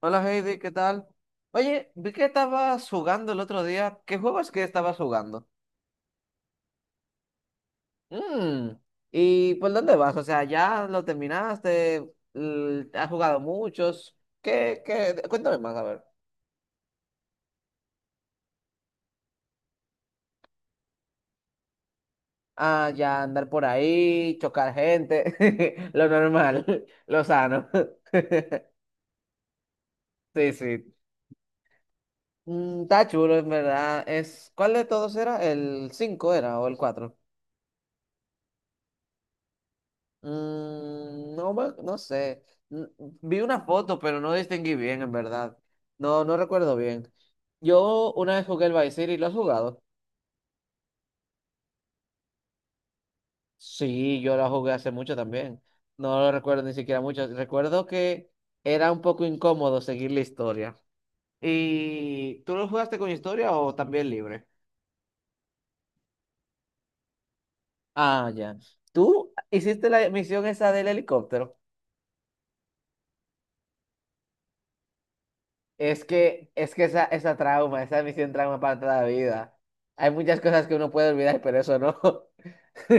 Hola Heidi, ¿qué tal? Oye, vi que estabas jugando el otro día. ¿Qué juegos que estabas jugando? Mm. ¿Y por dónde vas? O sea, ¿ya lo terminaste? ¿Has jugado muchos? ¿Qué? Cuéntame más, a ver. Ah, ya andar por ahí, chocar gente, lo normal, lo sano. Sí, sí. Está chulo, en verdad. ¿Cuál de todos era? ¿El 5 era o el cuatro? No, no sé. N- Vi una foto, pero no distinguí bien, en verdad. No, no recuerdo bien. Yo una vez jugué el Vice City, ¿lo has jugado? Sí, yo la jugué hace mucho también. No lo recuerdo ni siquiera mucho. Recuerdo que era un poco incómodo seguir la historia. ¿Y tú lo jugaste con historia o también libre? Ah, ya. ¿Tú hiciste la misión esa del helicóptero? Es que esa trauma, esa misión trauma para toda la vida. Hay muchas cosas que uno puede olvidar, pero eso no.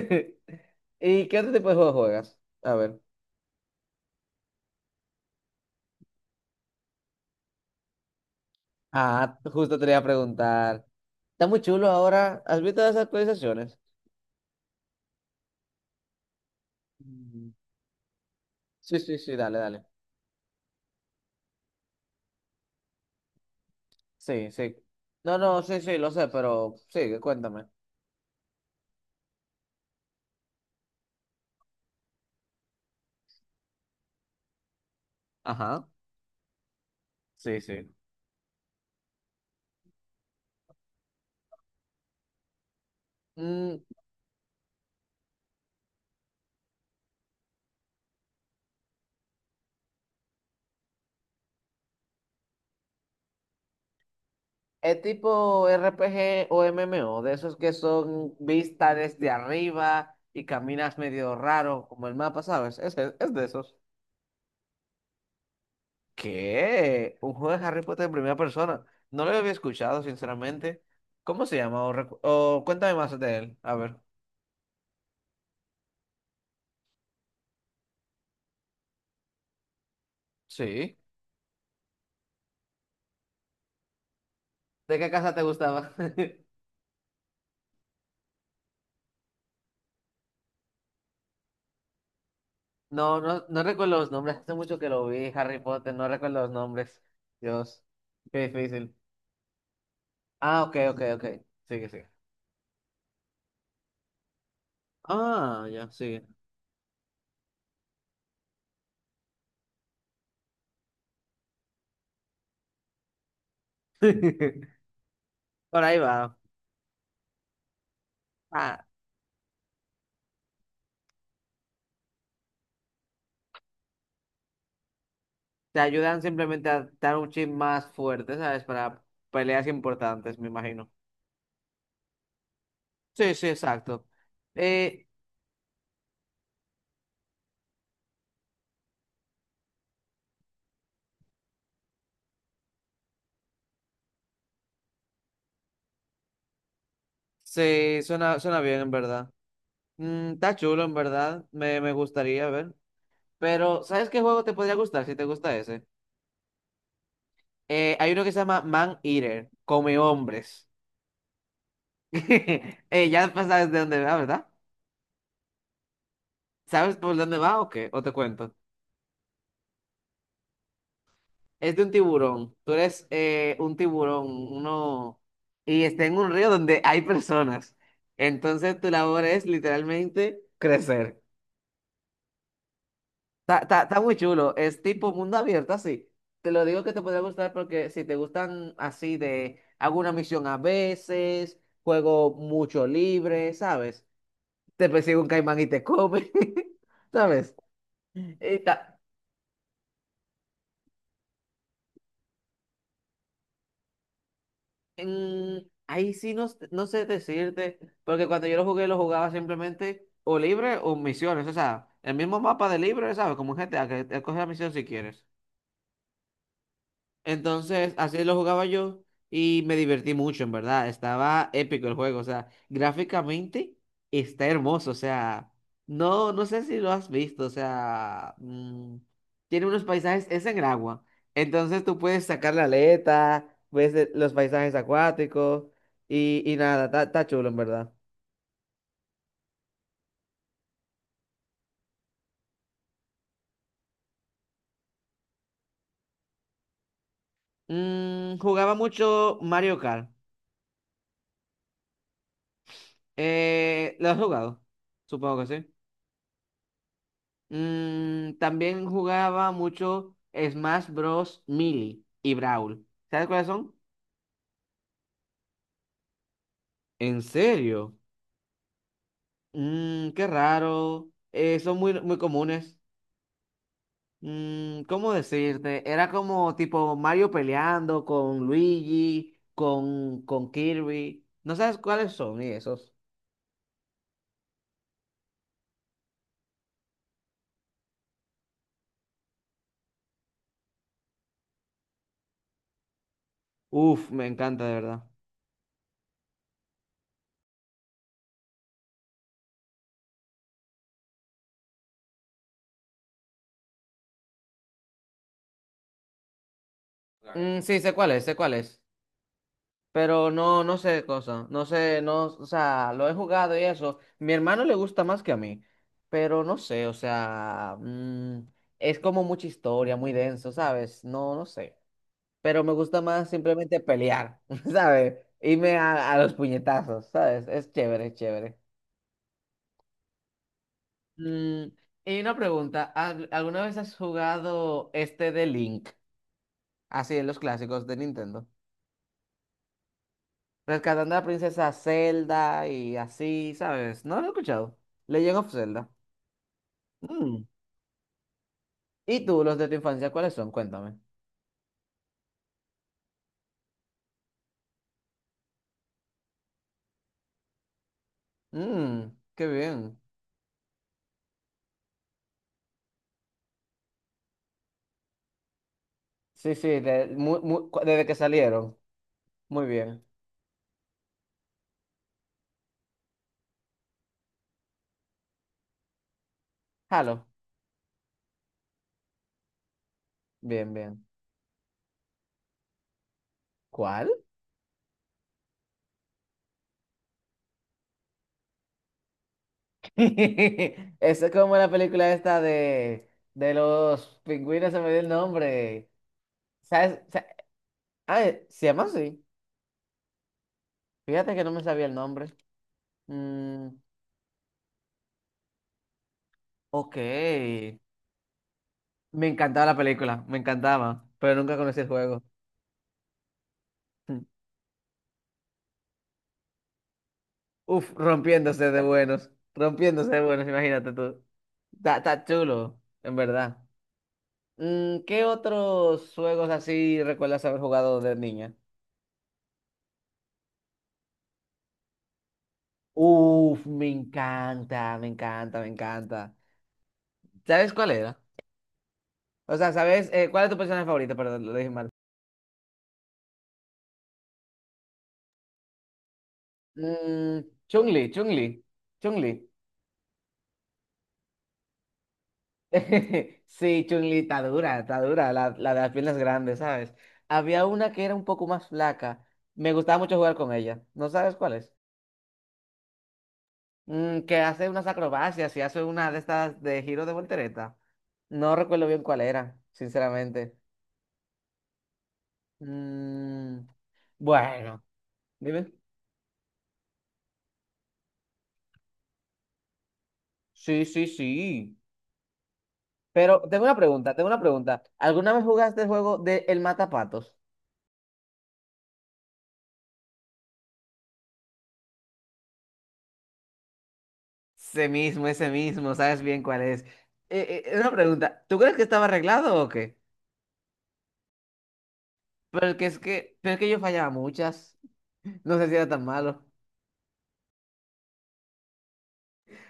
¿Y qué otro tipo de juego juegas? A ver. Ah, justo te lo iba a preguntar. Está muy chulo ahora. ¿Has visto las actualizaciones? Mm. Sí, sí, sí, dale, dale. Sí, sí. No, no, sí, sí, lo sé, pero sí, cuéntame. Ajá. Sí, sí. Es tipo RPG o MMO, de esos que son vistas desde arriba y caminas medio raro, como el mapa, ¿sabes? Es de esos. ¿Qué? Un juego de Harry Potter en primera persona. No lo había escuchado, sinceramente. ¿Cómo se llama? O cuéntame más de él. A ver. Sí. ¿De qué casa te gustaba? No, no, no recuerdo los nombres. Hace mucho que lo vi, Harry Potter. No recuerdo los nombres. Dios, qué difícil. Ah, ok, ok, ok. Sigue, sigue. Ah, ya, sí. Por ahí va. Ah, te ayudan simplemente a dar un chip más fuerte, ¿sabes? Para peleas importantes, me imagino. Sí, sí, exacto. Eh, sí, suena bien, en verdad. Está chulo, en verdad. Me gustaría ver. Pero, ¿sabes qué juego te podría gustar si te gusta ese? Hay uno que se llama Man Eater, Come Hombres. Ya sabes de dónde va, ¿verdad? ¿Sabes por dónde va o qué? ¿O te cuento? Es de un tiburón. Tú eres un tiburón, uno, y está en un río donde hay personas. Entonces tu labor es literalmente crecer. Está muy chulo. Es tipo mundo abierto, así. Te lo digo que te podría gustar porque si te gustan así de hago una misión a veces, juego mucho libre, ¿sabes? Te persigue un caimán y te come, ¿sabes? Y ta- Mm, ahí sí no sé decirte, porque cuando yo lo jugué, lo jugaba simplemente o libre o misiones, o sea, el mismo mapa de libre, ¿sabes? Como en GTA que te escoges la misión si quieres. Entonces, así lo jugaba yo y me divertí mucho, en verdad. Estaba épico el juego, o sea, gráficamente está hermoso, o sea, no sé si lo has visto, o sea, tiene unos paisajes, es en el agua. Entonces tú puedes sacar la aleta, ves los paisajes acuáticos y nada, está chulo, en verdad. Jugaba mucho Mario Kart. ¿Lo has jugado? Supongo que sí. También jugaba mucho Smash Bros. Melee y Brawl. ¿Sabes cuáles son? ¿En serio? Qué raro. Son muy, muy comunes. ¿Cómo decirte? Era como tipo Mario peleando con Luigi, con Kirby. ¿No sabes cuáles son y esos? Uf, me encanta de verdad. Mm, sí, sé cuáles, sé cuáles. Pero no sé de cosa, no sé, no, o sea, lo he jugado y eso. Mi hermano le gusta más que a mí, pero no sé, o sea, es como mucha historia, muy denso, ¿sabes? No sé. Pero me gusta más simplemente pelear, ¿sabes? Irme a, los puñetazos, ¿sabes? Es chévere, es chévere. Mm, y una pregunta, ¿alguna vez has jugado este de Link? Así en los clásicos de Nintendo. Rescatando a la princesa Zelda y así, ¿sabes? No lo he escuchado. Legend of Zelda. Mm. ¿Y tú, los de tu infancia, cuáles son? Cuéntame. Mm, qué bien. Sí, sí, desde que salieron. Muy bien. Halo. Bien, bien. ¿Cuál? Eso es como la película esta de los pingüinos, se me dio el nombre. ¿Sabes? Ah, se llama así. Fíjate que no me sabía el nombre. Mm, ok. Me encantaba la película, me encantaba, pero nunca conocí el juego. Mm. Uf, rompiéndose de buenos, imagínate tú. Está chulo, en verdad. ¿Qué otros juegos así recuerdas haber jugado de niña? Uf, me encanta, me encanta, me encanta. ¿Sabes cuál era? O sea, ¿sabes cuál es tu personaje favorito? Perdón, lo dije mal. Mm, Chun-Li, Chun-Li, Chun-Li. Sí, Chun-Li está dura, la de las piernas grandes, ¿sabes? Había una que era un poco más flaca, me gustaba mucho jugar con ella, ¿no sabes cuál es? Que hace unas acrobacias y hace una de estas de giro de voltereta. No recuerdo bien cuál era, sinceramente. Mm, bueno, dime. Sí, sí, sí. Pero tengo una pregunta, tengo una pregunta. ¿Alguna vez jugaste el juego de El Matapatos? Ese mismo, sabes bien cuál es. Una pregunta, ¿tú crees que estaba arreglado o qué? Pero es que yo fallaba muchas. No sé si era tan malo.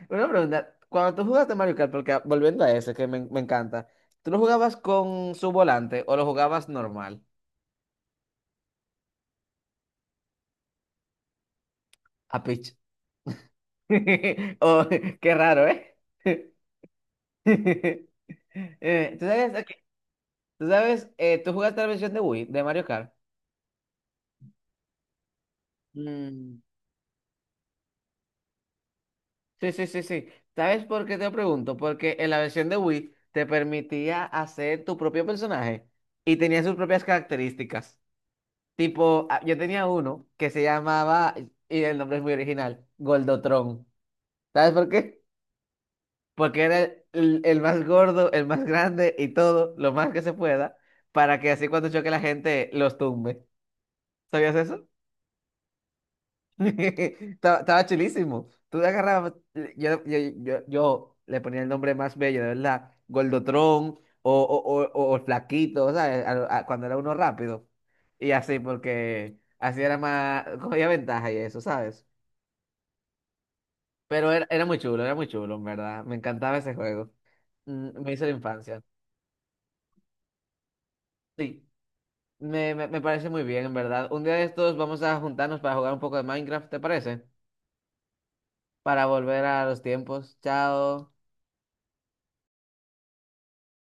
Una pregunta, cuando tú jugaste Mario Kart, porque ah, volviendo a ese que me encanta, ¿tú lo jugabas con su volante o lo jugabas normal? A pitch. Oh, qué raro, ¿eh? Eh, ¿tú sabes, ok, ¿tú sabes, tú jugaste la versión de Wii, de Mario Kart? Mm. Sí, sí, sí, sí. ¿Sabes por qué te pregunto? Porque en la versión de Wii te permitía hacer tu propio personaje y tenía sus propias características. Tipo, ah, yo tenía uno que se llamaba, y el nombre es muy original, Goldotron. ¿Sabes por qué? Porque era el más gordo, el más grande y todo, lo más que se pueda, para que así cuando choque la gente los tumbe. ¿Sabías eso? Estaba chulísimo. Tú le agarrabas, yo le ponía el nombre más bello, de verdad. Gordotrón o Flaquito, ¿sabes? Cuando era uno rápido. Y así, porque así era más, cogía ventaja y eso, ¿sabes? Pero era muy chulo, era muy chulo, en verdad. Me encantaba ese juego. Me hizo la infancia. Sí, me parece muy bien, en verdad. Un día de estos vamos a juntarnos para jugar un poco de Minecraft, ¿te parece? Para volver a los tiempos. Chao.